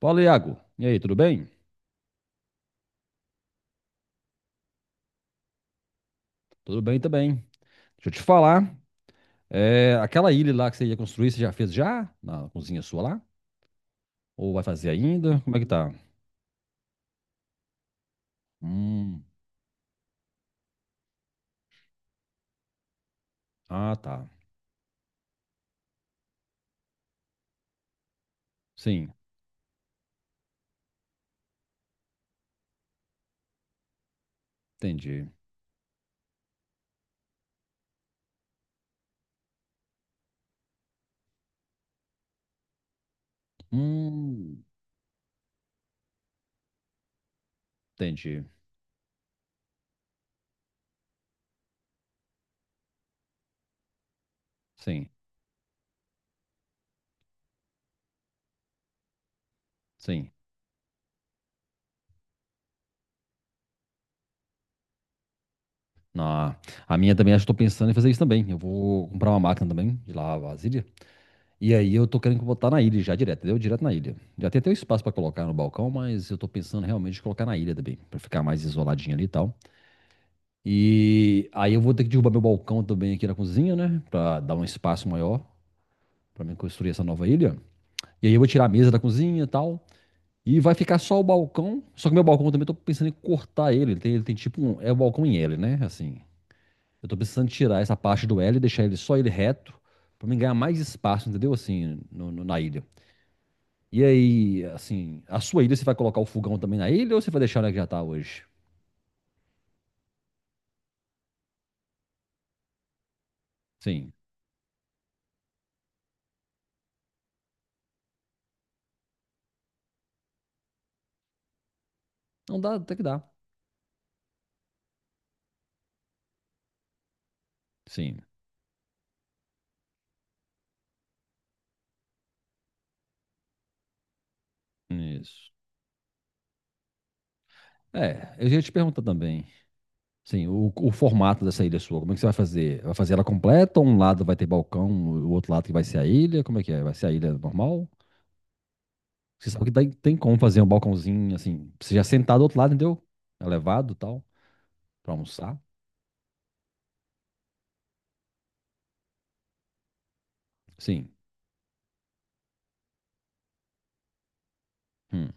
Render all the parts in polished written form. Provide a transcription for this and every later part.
Fala, Iago. E aí, tudo bem? Tudo bem também. Deixa eu te falar. É, aquela ilha lá que você ia construir, você já fez já? Na cozinha sua lá? Ou vai fazer ainda? Como é que tá? Hum, ah, tá. Sim, entendi. Hum, entendi. Sim, sim. Na, a minha também, acho que tô pensando em fazer isso também. Eu vou comprar uma máquina também de lavar vasilha. E aí eu tô querendo botar na ilha já direto, entendeu? Direto na ilha. Já tem até o espaço pra colocar no balcão, mas eu tô pensando realmente em colocar na ilha também, pra ficar mais isoladinho ali e tal. E aí eu vou ter que derrubar meu balcão também aqui na cozinha, né? Pra dar um espaço maior pra mim construir essa nova ilha. E aí eu vou tirar a mesa da cozinha e tal. E vai ficar só o balcão. Só que meu balcão eu também eu tô pensando em cortar ele. Ele tem tipo um. É o balcão em L, né? Assim. Eu tô precisando tirar essa parte do L e deixar ele só ele reto. Pra mim ganhar mais espaço, entendeu? Assim, na ilha. E aí, assim, a sua ilha você vai colocar o fogão também na ilha ou você vai deixar ela que já tá hoje? Sim. Não dá, até que dá. Sim. Isso. É, eu ia te perguntar também. Sim, o formato dessa ilha sua, como é que você vai fazer? Vai fazer ela completa? Ou um lado vai ter balcão, o outro lado que vai ser a ilha? Como é que é? Vai ser a ilha normal? Você sabe que daí tem como fazer um balcãozinho assim, você já sentado do outro lado, entendeu? Elevado e tal, pra almoçar. Sim, hum,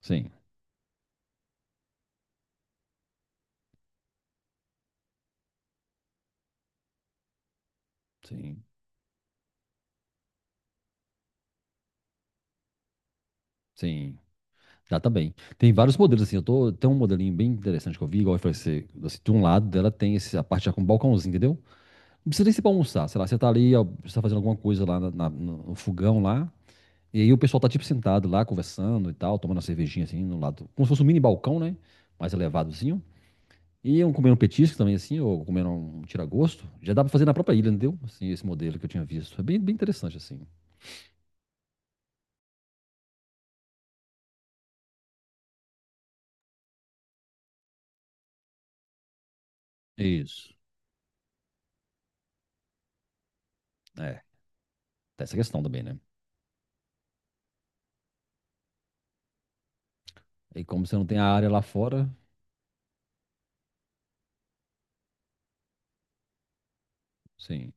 sim, sim, sim. Dá também. Tem vários modelos assim, eu tô, tem um modelinho bem interessante que eu vi, igual eu falei, você, assim, de um lado dela tem esse, a parte já com balcãozinho, entendeu? Não precisa nem ser pra almoçar, sei lá, você tá ali, ó, você tá fazendo alguma coisa lá no fogão lá, e aí o pessoal tá tipo sentado lá, conversando e tal, tomando uma cervejinha assim, no lado, como se fosse um mini balcão, né, mais elevadozinho, e um comendo um petisco também assim, ou comendo um tira-gosto, já dá pra fazer na própria ilha, entendeu? Assim, esse modelo que eu tinha visto, é bem, bem interessante assim. Isso. É, tem essa questão também, né? E como você não tem a área lá fora, sim,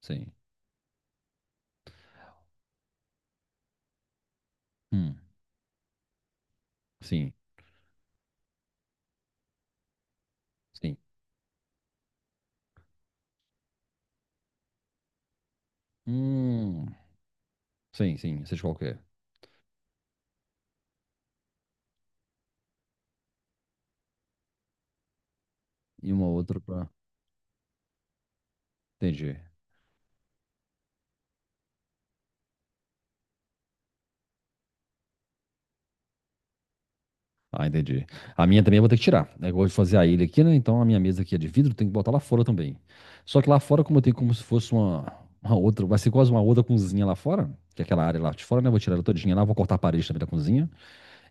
sim, hum, sim, sim, hum, sim, sim, seja qualquer, e uma outra pra, entendi. Ah, entendi. A minha também eu vou ter que tirar. É igual de fazer a ilha aqui, né? Então a minha mesa aqui é de vidro, tem que botar lá fora também. Só que lá fora, como eu tenho como se fosse uma outra, vai ser quase uma outra cozinha lá fora, que é aquela área lá de fora, né? Eu vou tirar ela todinha lá, vou cortar a parede também da cozinha.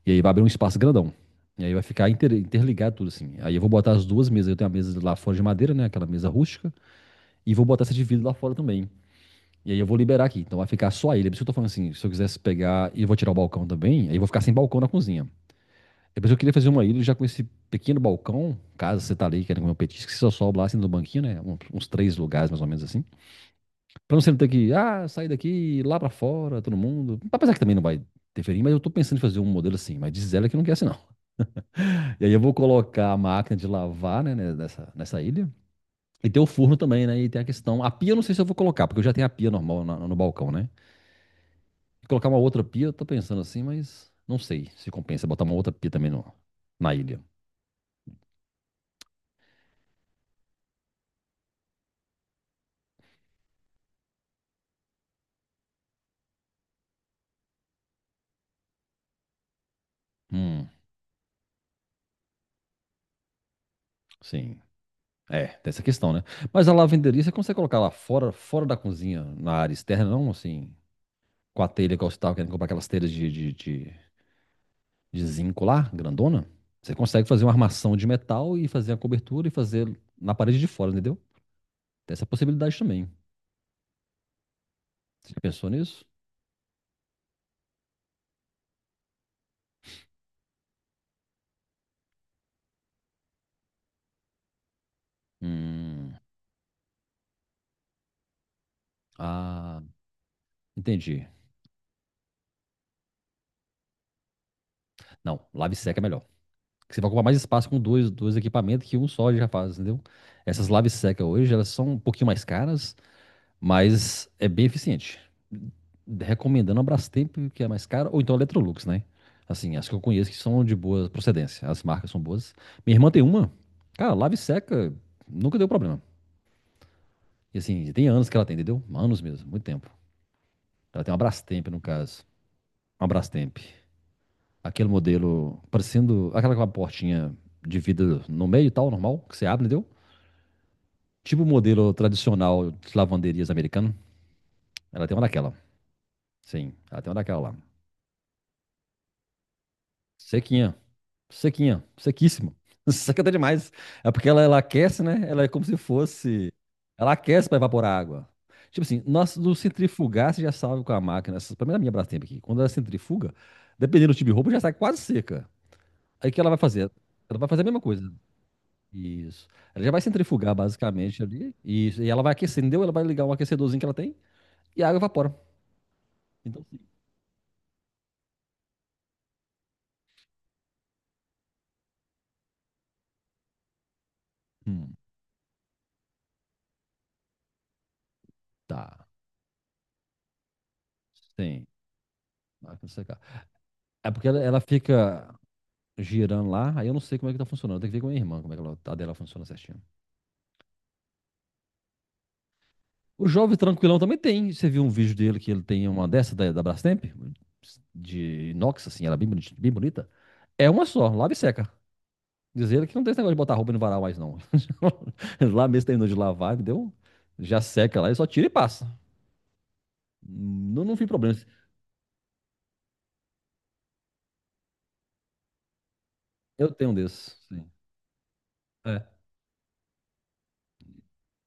E aí vai abrir um espaço grandão. E aí vai ficar interligado tudo assim. Aí eu vou botar as duas mesas. Eu tenho a mesa lá fora de madeira, né? Aquela mesa rústica. E vou botar essa de vidro lá fora também. E aí eu vou liberar aqui. Então vai ficar só a ilha. Por isso que eu tô falando assim, se eu quisesse pegar e eu vou tirar o balcão também, aí eu vou ficar sem balcão na cozinha. Depois eu queria fazer uma ilha já com esse pequeno balcão, caso você tá ali querendo comer um petisco, que você só sobe lá assim no banquinho, né? Uns três lugares mais ou menos assim. Pra você não ter que, ah, sair daqui, lá pra fora, todo mundo. Apesar que também não vai interferir, mas eu tô pensando em fazer um modelo assim, mas diz ela que não quer assim não. E aí eu vou colocar a máquina de lavar, né, nessa ilha. E tem o forno também, né? E tem a questão. A pia eu não sei se eu vou colocar, porque eu já tenho a pia normal no balcão, né? Colocar uma outra pia, eu tô pensando assim, mas não sei se compensa botar uma outra pia também no, na ilha. Hum, sim. É, tem essa questão, né? Mas a lavanderia, você consegue colocar lá fora, fora da cozinha, na área externa, não assim, com a telha que você tava querendo comprar aquelas telhas de zinco lá, grandona? Você consegue fazer uma armação de metal e fazer a cobertura e fazer na parede de fora, entendeu? Tem essa possibilidade também. Você já pensou nisso? Hum, ah, entendi. Não, lave seca é melhor. Porque você vai ocupar mais espaço com dois equipamentos que um só já faz, entendeu? Essas lave seca hoje, elas são um pouquinho mais caras, mas é bem eficiente. Recomendando a Brastemp, que é mais cara, ou então a Electrolux, né? Assim, as que eu conheço que são de boa procedência. As marcas são boas. Minha irmã tem uma, cara, lava e seca, nunca deu problema. E assim, tem anos que ela tem, entendeu? Anos mesmo, muito tempo. Ela tem uma Brastemp, no caso. Uma Brastemp. Aquele modelo, parecendo aquela com a portinha de vidro no meio e tal, normal, que você abre, entendeu? Tipo o modelo tradicional de lavanderias americano. Ela tem uma daquela. Sim, ela tem uma daquela lá. Sequinha, sequinha, sequíssimo. Seca até demais. É porque ela aquece, né? Ela é como se fosse. Ela aquece para evaporar a água. Tipo assim, nós do centrifugar, você já sabe com a máquina. Essa, pelo menos a minha Brastemp aqui. Quando ela centrifuga, dependendo do tipo de roupa, já sai quase seca. Aí o que ela vai fazer? Ela vai fazer a mesma coisa. Isso. Ela já vai centrifugar, basicamente, ali. Isso. E ela vai aquecer, entendeu? Ela vai ligar um aquecedorzinho que ela tem e a água evapora. Então, sim. Hum, tá. Sim. Máquina de secar. É porque ela fica girando lá. Aí eu não sei como é que tá funcionando. Tem que ver com a minha irmã, como é que ela, a dela funciona certinho. O jovem tranquilão também tem. Você viu um vídeo dele que ele tem uma dessa da Brastemp? De inox, assim, ela é bem bonita, bem bonita. É uma só, lava e seca. Diz ele que não tem esse negócio de botar roupa no varal mais, não. Lá mesmo terminou de lavar, deu. Já seca lá e só tira e passa. Não, não vi problema. Eu tenho um desses. Sim. É.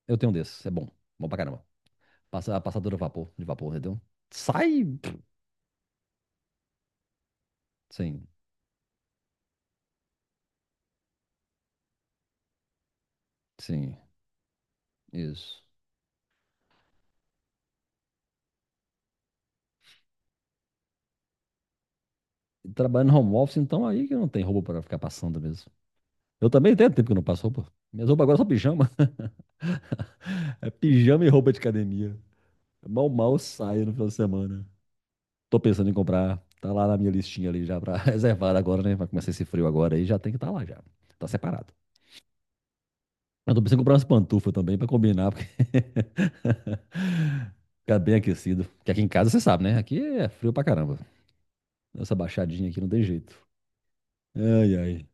Eu tenho um desses. É bom. Bom pra caramba. Passa, a passadora de vapor, entendeu? Sai. Sim, sim. Isso. Trabalhando home office, então aí que não tem roupa pra ficar passando mesmo. Eu também tenho tempo que eu não passo roupa. Minhas roupas agora são pijama. É pijama e roupa de academia. Mal, mal saio no final de semana. Tô pensando em comprar. Tá lá na minha listinha ali já pra reservar agora, né? Vai começar esse frio agora aí, já tem que estar tá lá já. Tá separado. Eu tô pensando em comprar umas pantufas também pra combinar, porque fica bem aquecido. Porque aqui em casa você sabe, né? Aqui é frio pra caramba. Essa baixadinha aqui não tem jeito. Ai, ai.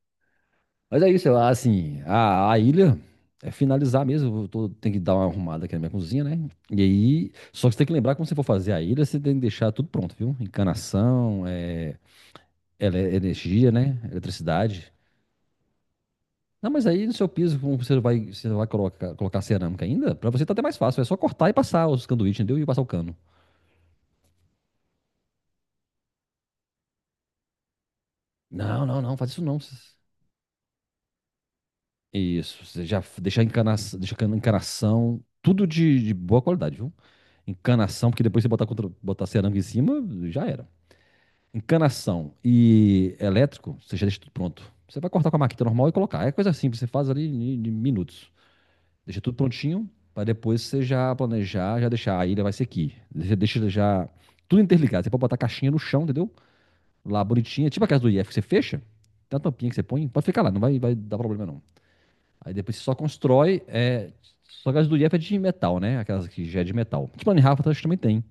Mas é isso, assim, a ilha é finalizar mesmo. Tenho que dar uma arrumada aqui na minha cozinha, né? E aí, só que você tem que lembrar que quando você for fazer a ilha, você tem que deixar tudo pronto, viu? Encanação, é, energia, né? Eletricidade. Não, mas aí no seu piso, como você vai colocar, colocar cerâmica ainda, pra você tá até mais fácil. É só cortar e passar os sanduíches, entendeu? E passar o cano. Não, não, não, faz isso não. Isso, você já deixa encanação, encanação, tudo de boa qualidade, viu? Encanação, porque depois você botar, contra, botar cerâmica em cima, já era. Encanação e elétrico, você já deixa tudo pronto. Você vai cortar com a maquita normal e colocar. É coisa simples, você faz ali em minutos. Deixa tudo prontinho, para depois você já planejar, já deixar. A ilha vai ser aqui. Você deixa já tudo interligado. Você pode botar a caixinha no chão, entendeu? Lá bonitinha, tipo a casa do IF que você fecha, tem uma tampinha que você põe, pode ficar lá, não vai, vai dar problema não. Aí depois você só constrói, é, só a casa do IF é de metal, né? Aquelas que já é de metal. Tipo a Rafa também tem.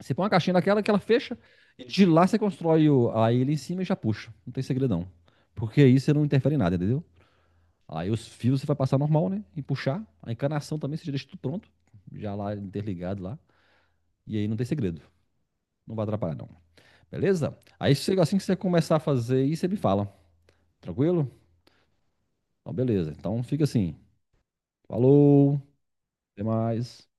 Você põe uma caixinha daquela que ela fecha e de lá você constrói o, a ilha em cima e já puxa. Não tem segredo não. Porque aí você não interfere em nada, entendeu? Aí os fios você vai passar normal, né? E puxar. A encanação também você já deixa tudo pronto. Já lá interligado lá. E aí não tem segredo. Não vai atrapalhar, não. Beleza? Aí você- assim que você começar a fazer isso, você me fala. Tranquilo? Então, beleza. Então fica assim. Falou. Até mais.